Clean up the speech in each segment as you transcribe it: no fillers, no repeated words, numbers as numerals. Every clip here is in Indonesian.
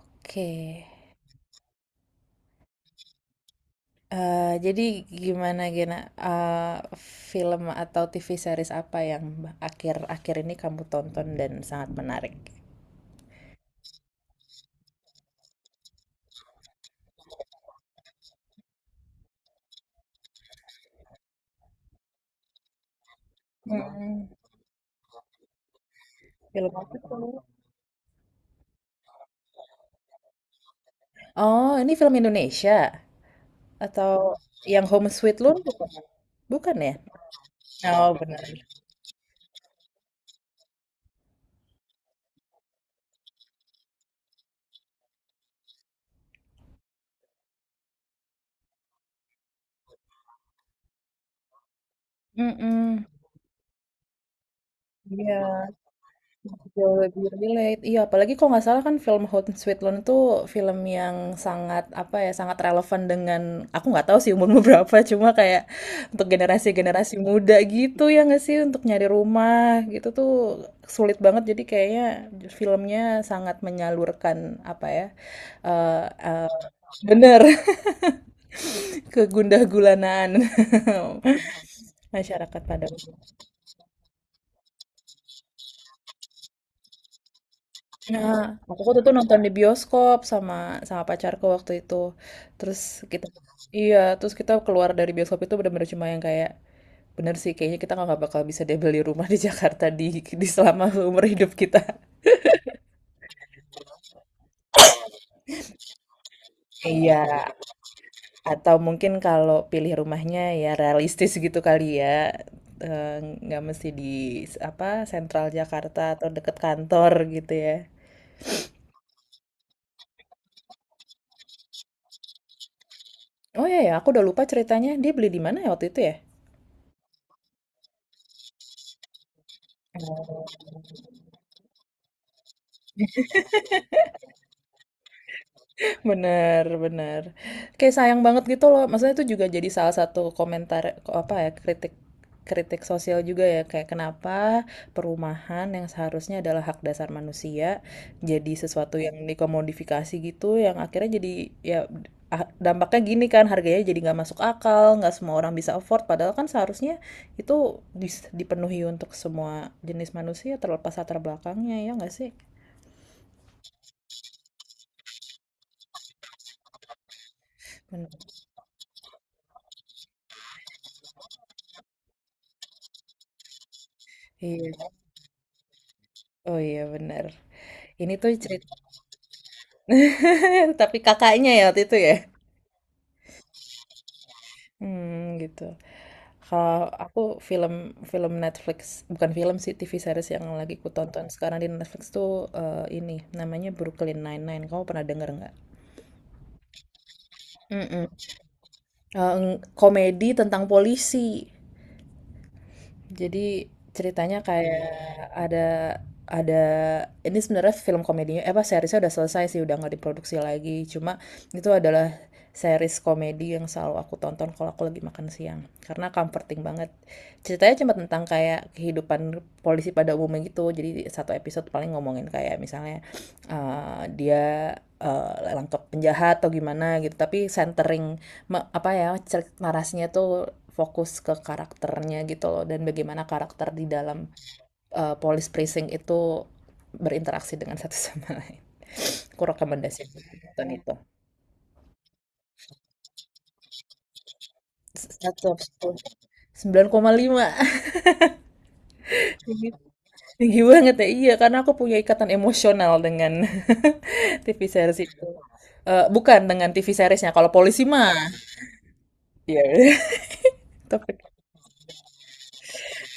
Oke, jadi gimana, Gena? Eh, Film atau TV series apa yang akhir-akhir ini kamu tonton dan sangat menarik? Hmm, Film apa tuh? Oh, ini film Indonesia, atau yang Home Sweet Loan bukan? Bukan ya? Oh, benar. Mm-mm. Iya. Jauh lebih relate. Iya, apalagi kalau nggak salah kan film Hot and Sweet Loan itu film yang sangat, apa ya, sangat relevan dengan, aku nggak tahu sih umurmu berapa, cuma kayak untuk generasi-generasi muda gitu ya nggak sih, untuk nyari rumah gitu tuh sulit banget. Jadi kayaknya filmnya sangat menyalurkan, apa ya, eh eh, bener, kegundah gulanaan masyarakat pada. Nah, aku waktu itu nonton di bioskop sama sama pacarku waktu itu. Terus kita, iya, terus kita keluar dari bioskop itu benar-benar cuma yang kayak, bener sih, kayaknya kita nggak bakal bisa deh beli rumah di Jakarta, di selama umur hidup kita. Iya, atau mungkin kalau pilih rumahnya ya realistis gitu kali ya. Eh, nggak mesti di, apa, sentral Jakarta atau deket kantor gitu ya. Oh iya ya, aku udah lupa ceritanya. Dia beli di mana ya waktu itu ya? Bener, bener. Kayak sayang banget gitu loh. Maksudnya itu juga jadi salah satu komentar, apa ya, kritik, sosial juga ya, kayak kenapa perumahan yang seharusnya adalah hak dasar manusia jadi sesuatu yang dikomodifikasi gitu, yang akhirnya jadi ya, dampaknya gini kan, harganya jadi nggak masuk akal, nggak semua orang bisa afford, padahal kan seharusnya itu dipenuhi untuk semua jenis manusia terlepas latar belakangnya, ya nggak sih? Bener. Iya. Oh iya bener. Ini tuh cerita. Tapi kakaknya ya waktu itu ya? Hmm, gitu. Kalau aku film, Netflix, bukan film sih, TV series yang lagi ku tonton sekarang di Netflix tuh, ini namanya Brooklyn Nine-Nine. Kamu pernah denger nggak? Mm-mm. Eh, Komedi tentang polisi. Jadi ceritanya kayak ada, ada ini sebenarnya film komedinya, eh, apa, seriesnya udah selesai sih, udah nggak diproduksi lagi. Cuma itu adalah series komedi yang selalu aku tonton kalau aku lagi makan siang karena comforting banget. Ceritanya cuma tentang kayak kehidupan polisi pada umumnya gitu. Jadi satu episode paling ngomongin kayak misalnya dia langkap penjahat atau gimana gitu. Tapi centering, apa ya, narasinya tuh fokus ke karakternya gitu loh, dan bagaimana karakter di dalam police precinct itu berinteraksi dengan satu sama lain. Aku rekomendasi nonton itu. Satu Sembilan koma lima. Tinggi banget ya, iya, karena aku punya ikatan emosional dengan TV series itu. Bukan dengan TV seriesnya kalau polisi mah. Iya. Yeah. Topik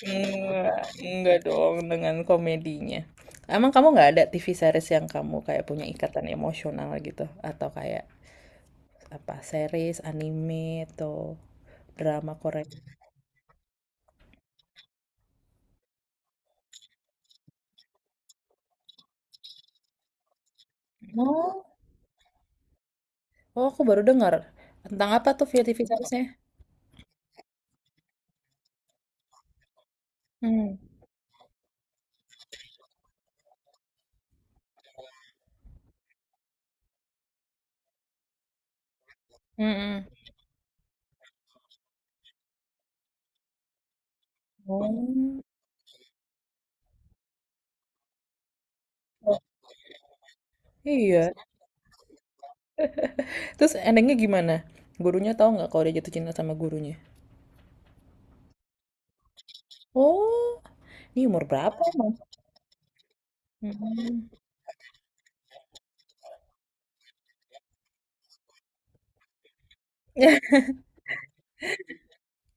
Enggak, enggak dong, dengan komedinya. Emang kamu nggak ada TV series yang kamu kayak punya ikatan emosional gitu? Atau kayak apa, series, anime, atau drama Korea? Oh, oh, aku baru dengar. Tentang apa tuh via TV seriesnya? Hmm. Mm-mm. Oh, iya. Terus endingnya gimana? Gurunya tahu nggak kalau dia jatuh cinta sama gurunya? Oh, ini umur berapa emang? Mm-mm.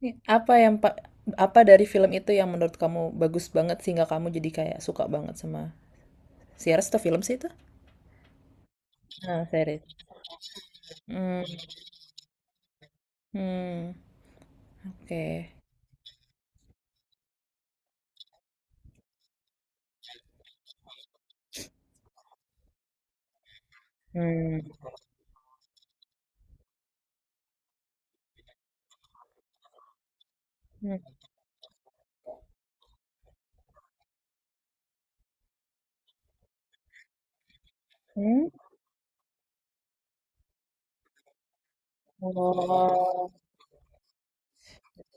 Nih, apa yang apa dari film itu yang menurut kamu bagus banget sehingga kamu jadi kayak suka banget sama series atau film sih itu? Ah, series. Hmm, hmm, oke. Hmm, hmm, hmm. Oh,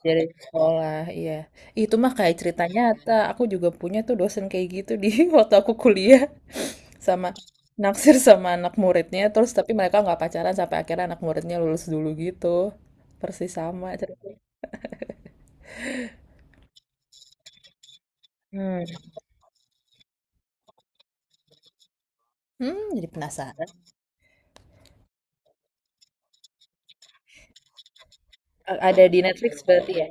jadi sekolah, iya. Itu mah kayak cerita nyata. Aku juga punya tuh dosen kayak gitu di waktu aku kuliah, sama naksir sama anak muridnya. Terus tapi mereka nggak pacaran sampai akhirnya anak muridnya lulus dulu gitu. Persis sama ceritanya. Hmm, hmm, jadi penasaran. Ada di Netflix berarti ya?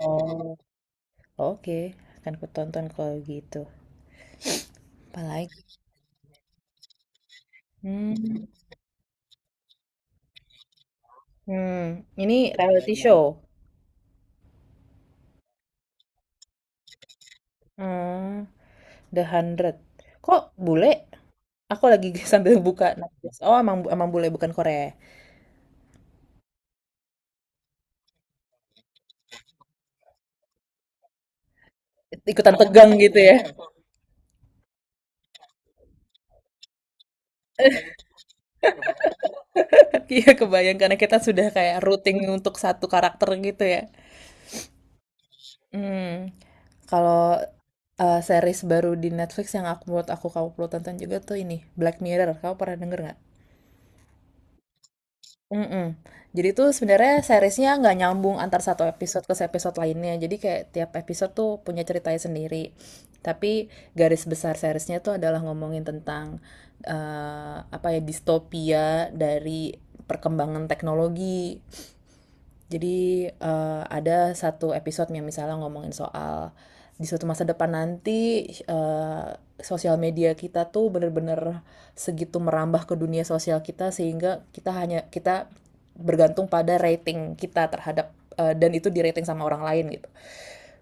Oh, oke. Akan ku tonton kalau gitu. Apalagi. Hmm. Hmm, ini reality show. Hmm, The Hundred. Kok bule? Aku lagi sambil buka Netflix. Oh, emang emang bule, bukan Korea, ya? Ikutan tegang gitu ya. Iya, kebayang karena kita sudah kayak rooting untuk satu karakter gitu ya. Hmm. Kalau series baru di Netflix yang buat aku, kamu perlu tonton juga tuh ini, Black Mirror. Kamu pernah denger nggak? Mm-mm. Jadi tuh sebenarnya seriesnya nggak nyambung antar satu episode ke episode lainnya. Jadi kayak tiap episode tuh punya ceritanya sendiri. Tapi garis besar seriesnya tuh adalah ngomongin tentang apa ya, distopia dari perkembangan teknologi. Jadi ada satu episode yang misalnya ngomongin soal di suatu masa depan nanti, eh, sosial media kita tuh bener-bener segitu merambah ke dunia sosial kita sehingga kita, hanya kita bergantung pada rating kita terhadap, dan itu di rating sama orang lain gitu.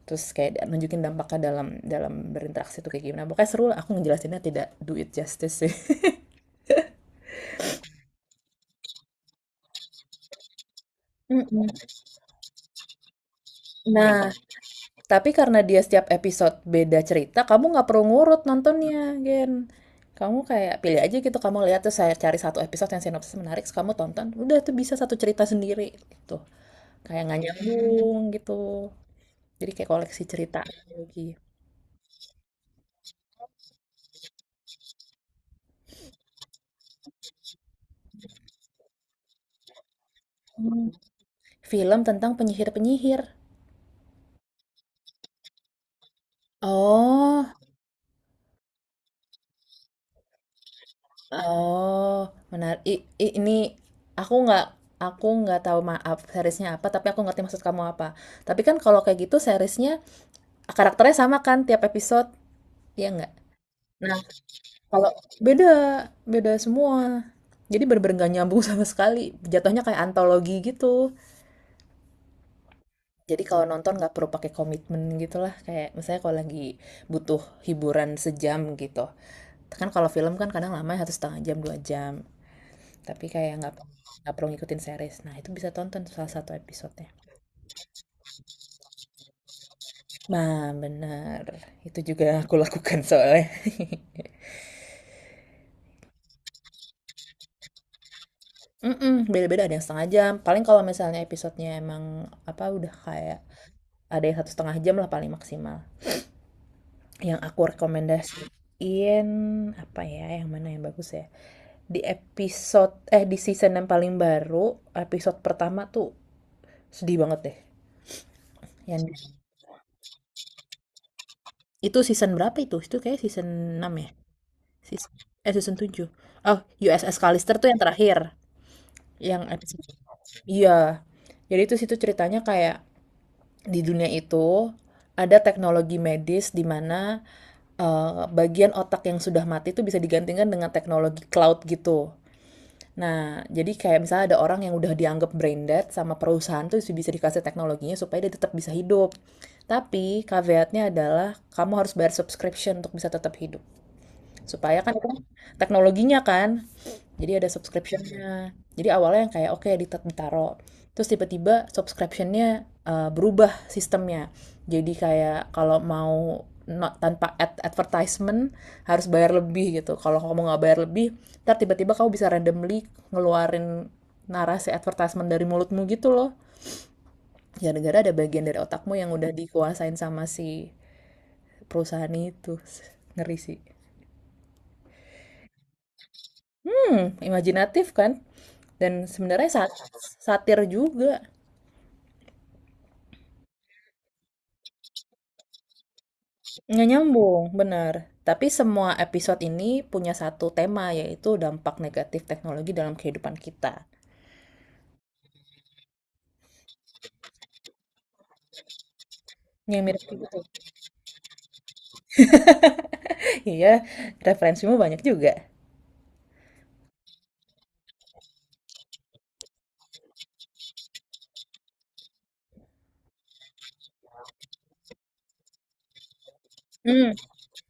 Terus kayak nunjukin dampaknya dalam dalam berinteraksi tuh kayak gimana. Pokoknya seru lah, aku ngejelasinnya tidak do it justice sih. Nah, tapi karena dia setiap episode beda cerita, kamu nggak perlu ngurut nontonnya, Gen. Kamu kayak pilih aja gitu, kamu lihat tuh saya cari satu episode yang sinopsis menarik, terus kamu tonton, udah tuh bisa satu cerita sendiri gitu. Kayak nggak nyambung gitu. Jadi kayak koleksi cerita lagi. Hmm. Film tentang penyihir-penyihir. Oh, oh, menarik. Ini, aku nggak, tahu, maaf seriesnya apa, tapi aku ngerti maksud kamu apa. Tapi kan kalau kayak gitu seriesnya karakternya sama kan tiap episode, ya nggak? Nah, kalau beda, beda semua. Jadi bener-bener nggak nyambung sama sekali. Jatuhnya kayak antologi gitu. Jadi kalau nonton nggak perlu pakai komitmen gitu lah. Kayak misalnya kalau lagi butuh hiburan sejam gitu. Kan kalau film kan kadang lama harus setengah jam, dua jam. Tapi kayak nggak, perlu ngikutin series. Nah, itu bisa tonton salah satu episodenya. Nah, bener. Itu juga yang aku lakukan soalnya. Mhm, beda-beda, ada yang setengah jam, paling kalau misalnya episodenya emang, apa, udah kayak ada yang satu setengah jam lah paling maksimal. Yang aku rekomendasiin, apa ya, yang mana yang bagus ya, di season yang paling baru, episode pertama tuh sedih banget deh, yang, itu season berapa itu? Itu kayak season 6 ya? Season season 7. Oh, USS Callister tuh yang terakhir, yang episode, iya. Jadi itu situ ceritanya kayak di dunia itu ada teknologi medis di mana, eh, bagian otak yang sudah mati itu bisa digantikan dengan teknologi cloud gitu. Nah, jadi kayak misalnya ada orang yang udah dianggap brain dead sama perusahaan tuh bisa dikasih teknologinya supaya dia tetap bisa hidup. Tapi caveatnya adalah kamu harus bayar subscription untuk bisa tetap hidup. Supaya kan teknologinya kan jadi ada subscriptionnya. Jadi awalnya yang kayak oke okay, ditaruh. Terus tiba-tiba subscriptionnya berubah sistemnya. Jadi kayak kalau mau tanpa advertisement harus bayar lebih gitu. Kalau kamu nggak bayar lebih, ntar tiba-tiba kamu bisa randomly ngeluarin narasi advertisement dari mulutmu gitu loh. Gara-gara ada bagian dari otakmu yang udah dikuasain sama si perusahaan itu. Ngeri sih. Imajinatif kan? Dan sebenarnya satir juga. Nggak nyambung, benar. Tapi semua episode ini punya satu tema, yaitu dampak negatif teknologi dalam kehidupan kita. Yang mirip kayak gitu. Iya, referensimu banyak juga. Hmm,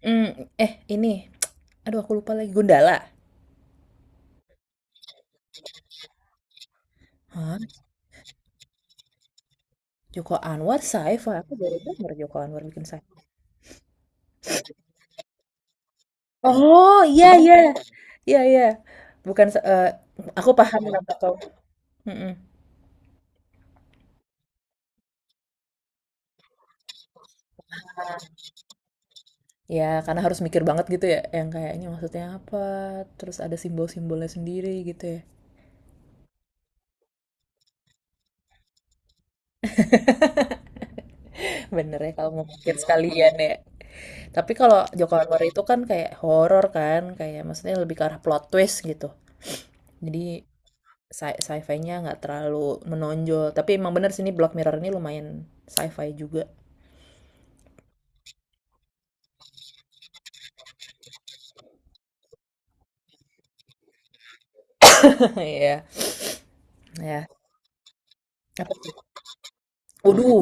hmm, ini, aduh aku lupa lagi, Gundala. Hah? Joko Anwar sci-fi? Aku baru denger Joko Anwar bikin sci. Oh, iya, iya. Iya, iya. Bukan, aku paham kenapa kau. Mm-mm. Ya, karena harus mikir banget gitu ya, yang kayak ini maksudnya apa, terus ada simbol-simbolnya sendiri gitu ya. Bener ya kalau ngomongin sekalian ya. Tapi kalau Joko Anwar itu kan kayak horor kan, kayak maksudnya lebih ke arah plot twist gitu. Jadi sci-fi-nya nggak terlalu menonjol. Tapi emang bener sih ini Black Mirror ini lumayan sci-fi juga. Iya, ya. Apa tuh? Waduh,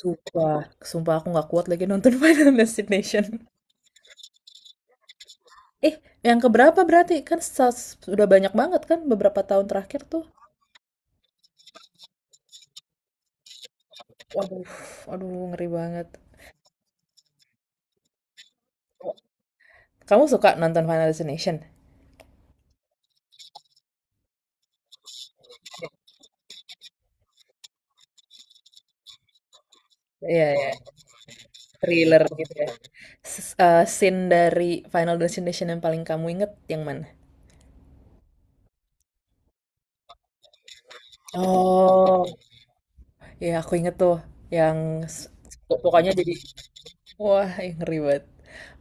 sumpah, sumpah aku nggak kuat lagi nonton Final Destination. Eh, yang keberapa berarti? Kan sudah banyak banget kan beberapa tahun terakhir tuh. Waduh, aduh ngeri banget. Kamu suka nonton Final Destination? Iya, iya. Thriller gitu ya. Scene dari Final Destination yang paling kamu inget yang mana? Oh. Ya, aku inget tuh, yang s- pokoknya jadi wah, ih, ngeri banget.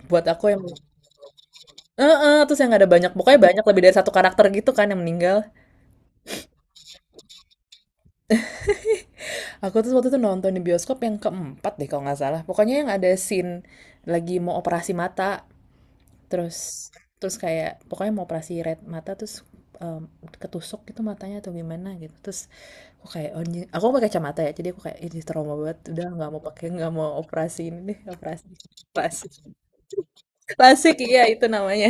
Buat aku yang terus yang ada banyak, pokoknya banyak lebih dari satu karakter gitu kan yang meninggal. Aku tuh waktu itu nonton di bioskop yang keempat deh kalau nggak salah. Pokoknya yang ada scene lagi mau operasi mata. Terus, kayak pokoknya mau operasi red mata, terus em, ketusuk gitu matanya atau gimana gitu. Terus aku kayak oh, anjing, aku pakai kacamata ya. Jadi aku kayak ini trauma banget. Udah nggak mau pakai, nggak mau operasi ini deh, operasi. Plastik. Plastik iya itu namanya.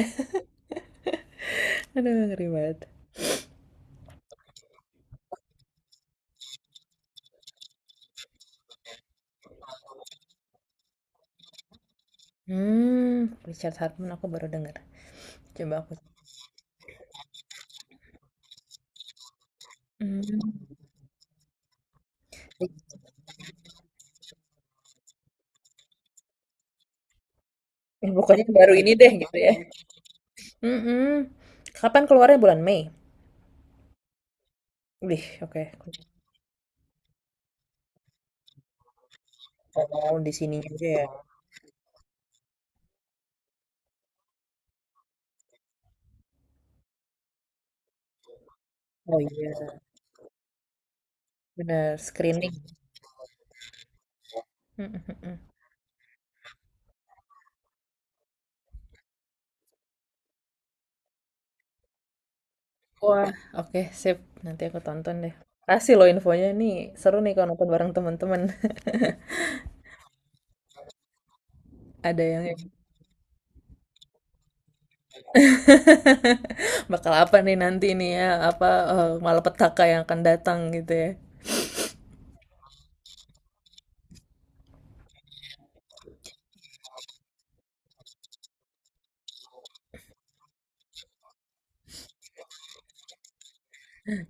Aduh ngeri banget. Hmm, Richard Hartman aku baru dengar. Coba aku. Hmm. Ya, pokoknya baru ini deh gitu ya. Mm-mm. Kapan keluarnya bulan Mei? Wih, oke. Oh, di sini juga ya. Oh iya, benar. Screening. Mhm, mhm. Wah, oke sip, nanti aku tonton deh. Kasih loh infonya nih, seru nih kalau nonton bareng teman-teman. Ada yang bakal apa nih nanti nih ya, malapetaka yang akan datang gitu ya.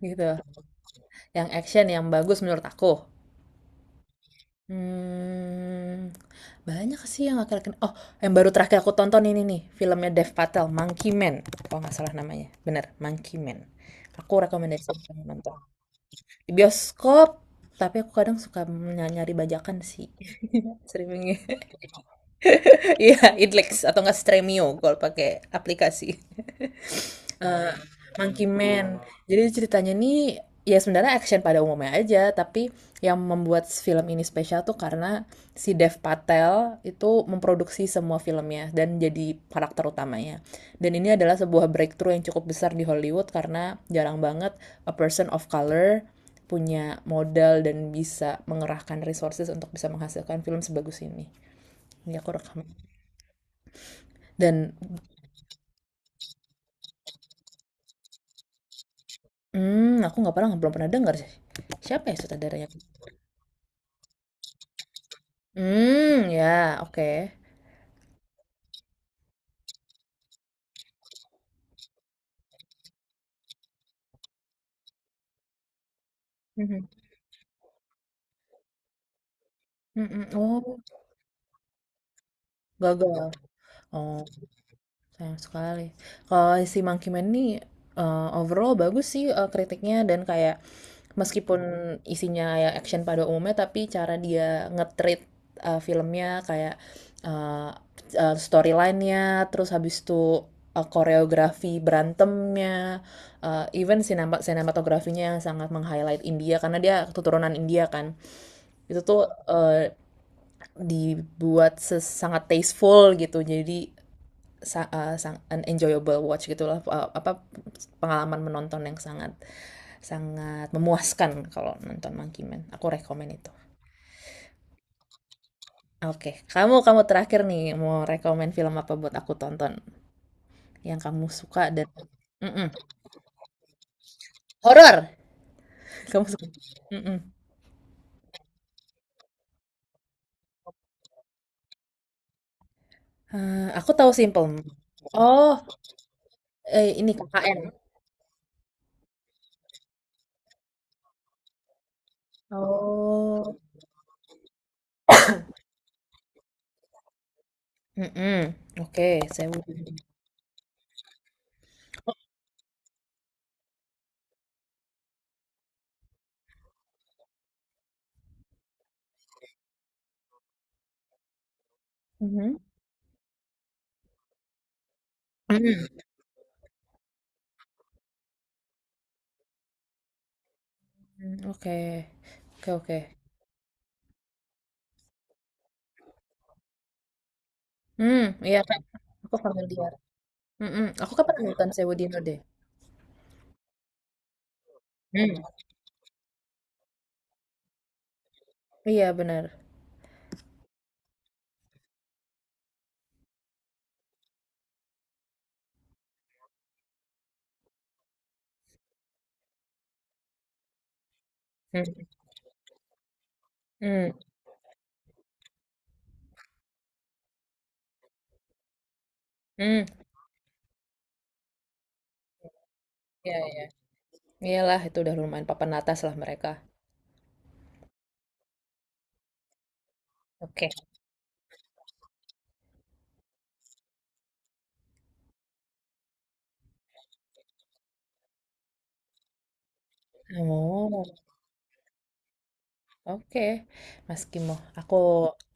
Gitu. Yang action yang bagus menurut aku. Hmm, banyak sih yang akhir-akhir. Oh, yang baru terakhir aku tonton ini nih, filmnya Dev Patel, Monkey Man. Kalau nggak salah namanya, bener, Monkey Man. Aku rekomendasi nonton. Di bioskop, tapi aku kadang suka nyari bajakan sih. Streaming. Iya, Idlex atau enggak Stremio kalau pakai aplikasi. eh Monkey Man. Jadi ceritanya nih ya sebenarnya action pada umumnya aja, tapi yang membuat film ini spesial tuh karena si Dev Patel itu memproduksi semua filmnya dan jadi karakter utamanya. Dan ini adalah sebuah breakthrough yang cukup besar di Hollywood karena jarang banget a person of color punya modal dan bisa mengerahkan resources untuk bisa menghasilkan film sebagus ini. Ini aku rekam. Dan, aku nggak pernah belum pernah dengar sih. Siapa ya sutradaranya? Hmm, ya, oke. Mhm, mhm, oh, gagal. Oh, sayang sekali. Kalau si Monkey Man ini, overall bagus sih, kritiknya dan kayak, meskipun isinya ya action pada umumnya, tapi cara dia nge-treat, filmnya kayak, eee eee, storyline-nya, terus habis itu, koreografi berantemnya, even sinematografinya yang sangat meng-highlight India karena dia keturunan India kan. Itu tuh, eee, dibuat sangat tasteful gitu, jadi sang an enjoyable watch gitulah, apa, pengalaman menonton yang sangat, sangat memuaskan kalau nonton Monkey Man. Aku rekomen itu. Oke, okay. Kamu, terakhir nih mau rekomen film apa buat aku tonton yang kamu suka dan. Mm-mm. Horor. Kamu suka? Mm-mm. Aku tahu Simple. Oh, ini KKN. Oh. Mm-mm. Oke, saya. Mhm. Mm, oke, oke, oke. Hmm, iya, Kak. Aku familiar. Mm-mm. Aku kapan nonton Sewu Dino deh? Hmm. Iya, benar. Hmm. Hmm, iya, iya. Iyalah itu udah lumayan papan atas lah mereka. Oke. Oh, oke. Mas Kimo, aku,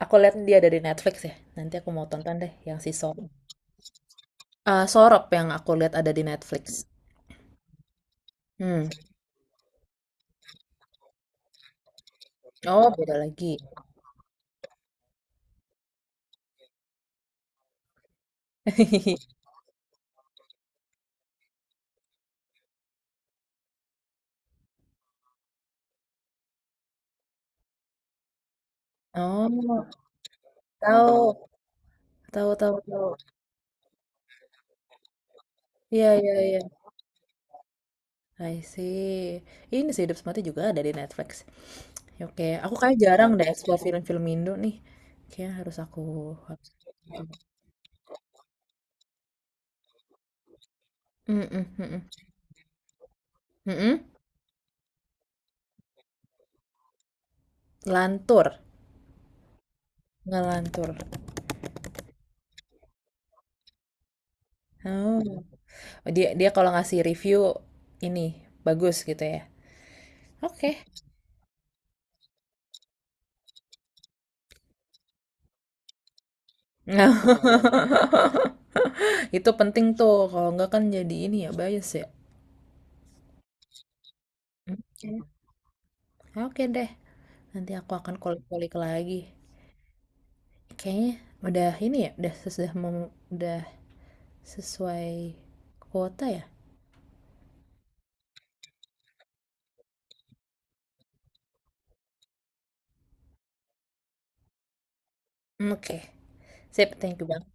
lihat dia ada di Netflix ya. Nanti aku mau tonton deh yang si Sorop. Ah, Sorop yang aku lihat ada di Netflix. Hmm. Oh, beda lagi. Oh, tahu, tahu, tahu, tahu. Iya, iya, iya. I see. Ini sih Hidup Semati juga ada di Netflix. Oke, aku kayak jarang deh explore film-film Indo nih. Kayaknya harus, harus. Mhm, mhm. Mhm? Lantur? Ngelantur? Oh, dia, kalau ngasih review ini, bagus gitu ya? Oke. Itu penting tuh, kalau nggak kan jadi ini ya, bias ya? Oke. Oke deh, nanti aku akan kulik-kulik lagi. Kayaknya udah ini ya, udah sesuai kuota ya? Oke. Sip, thank you banget.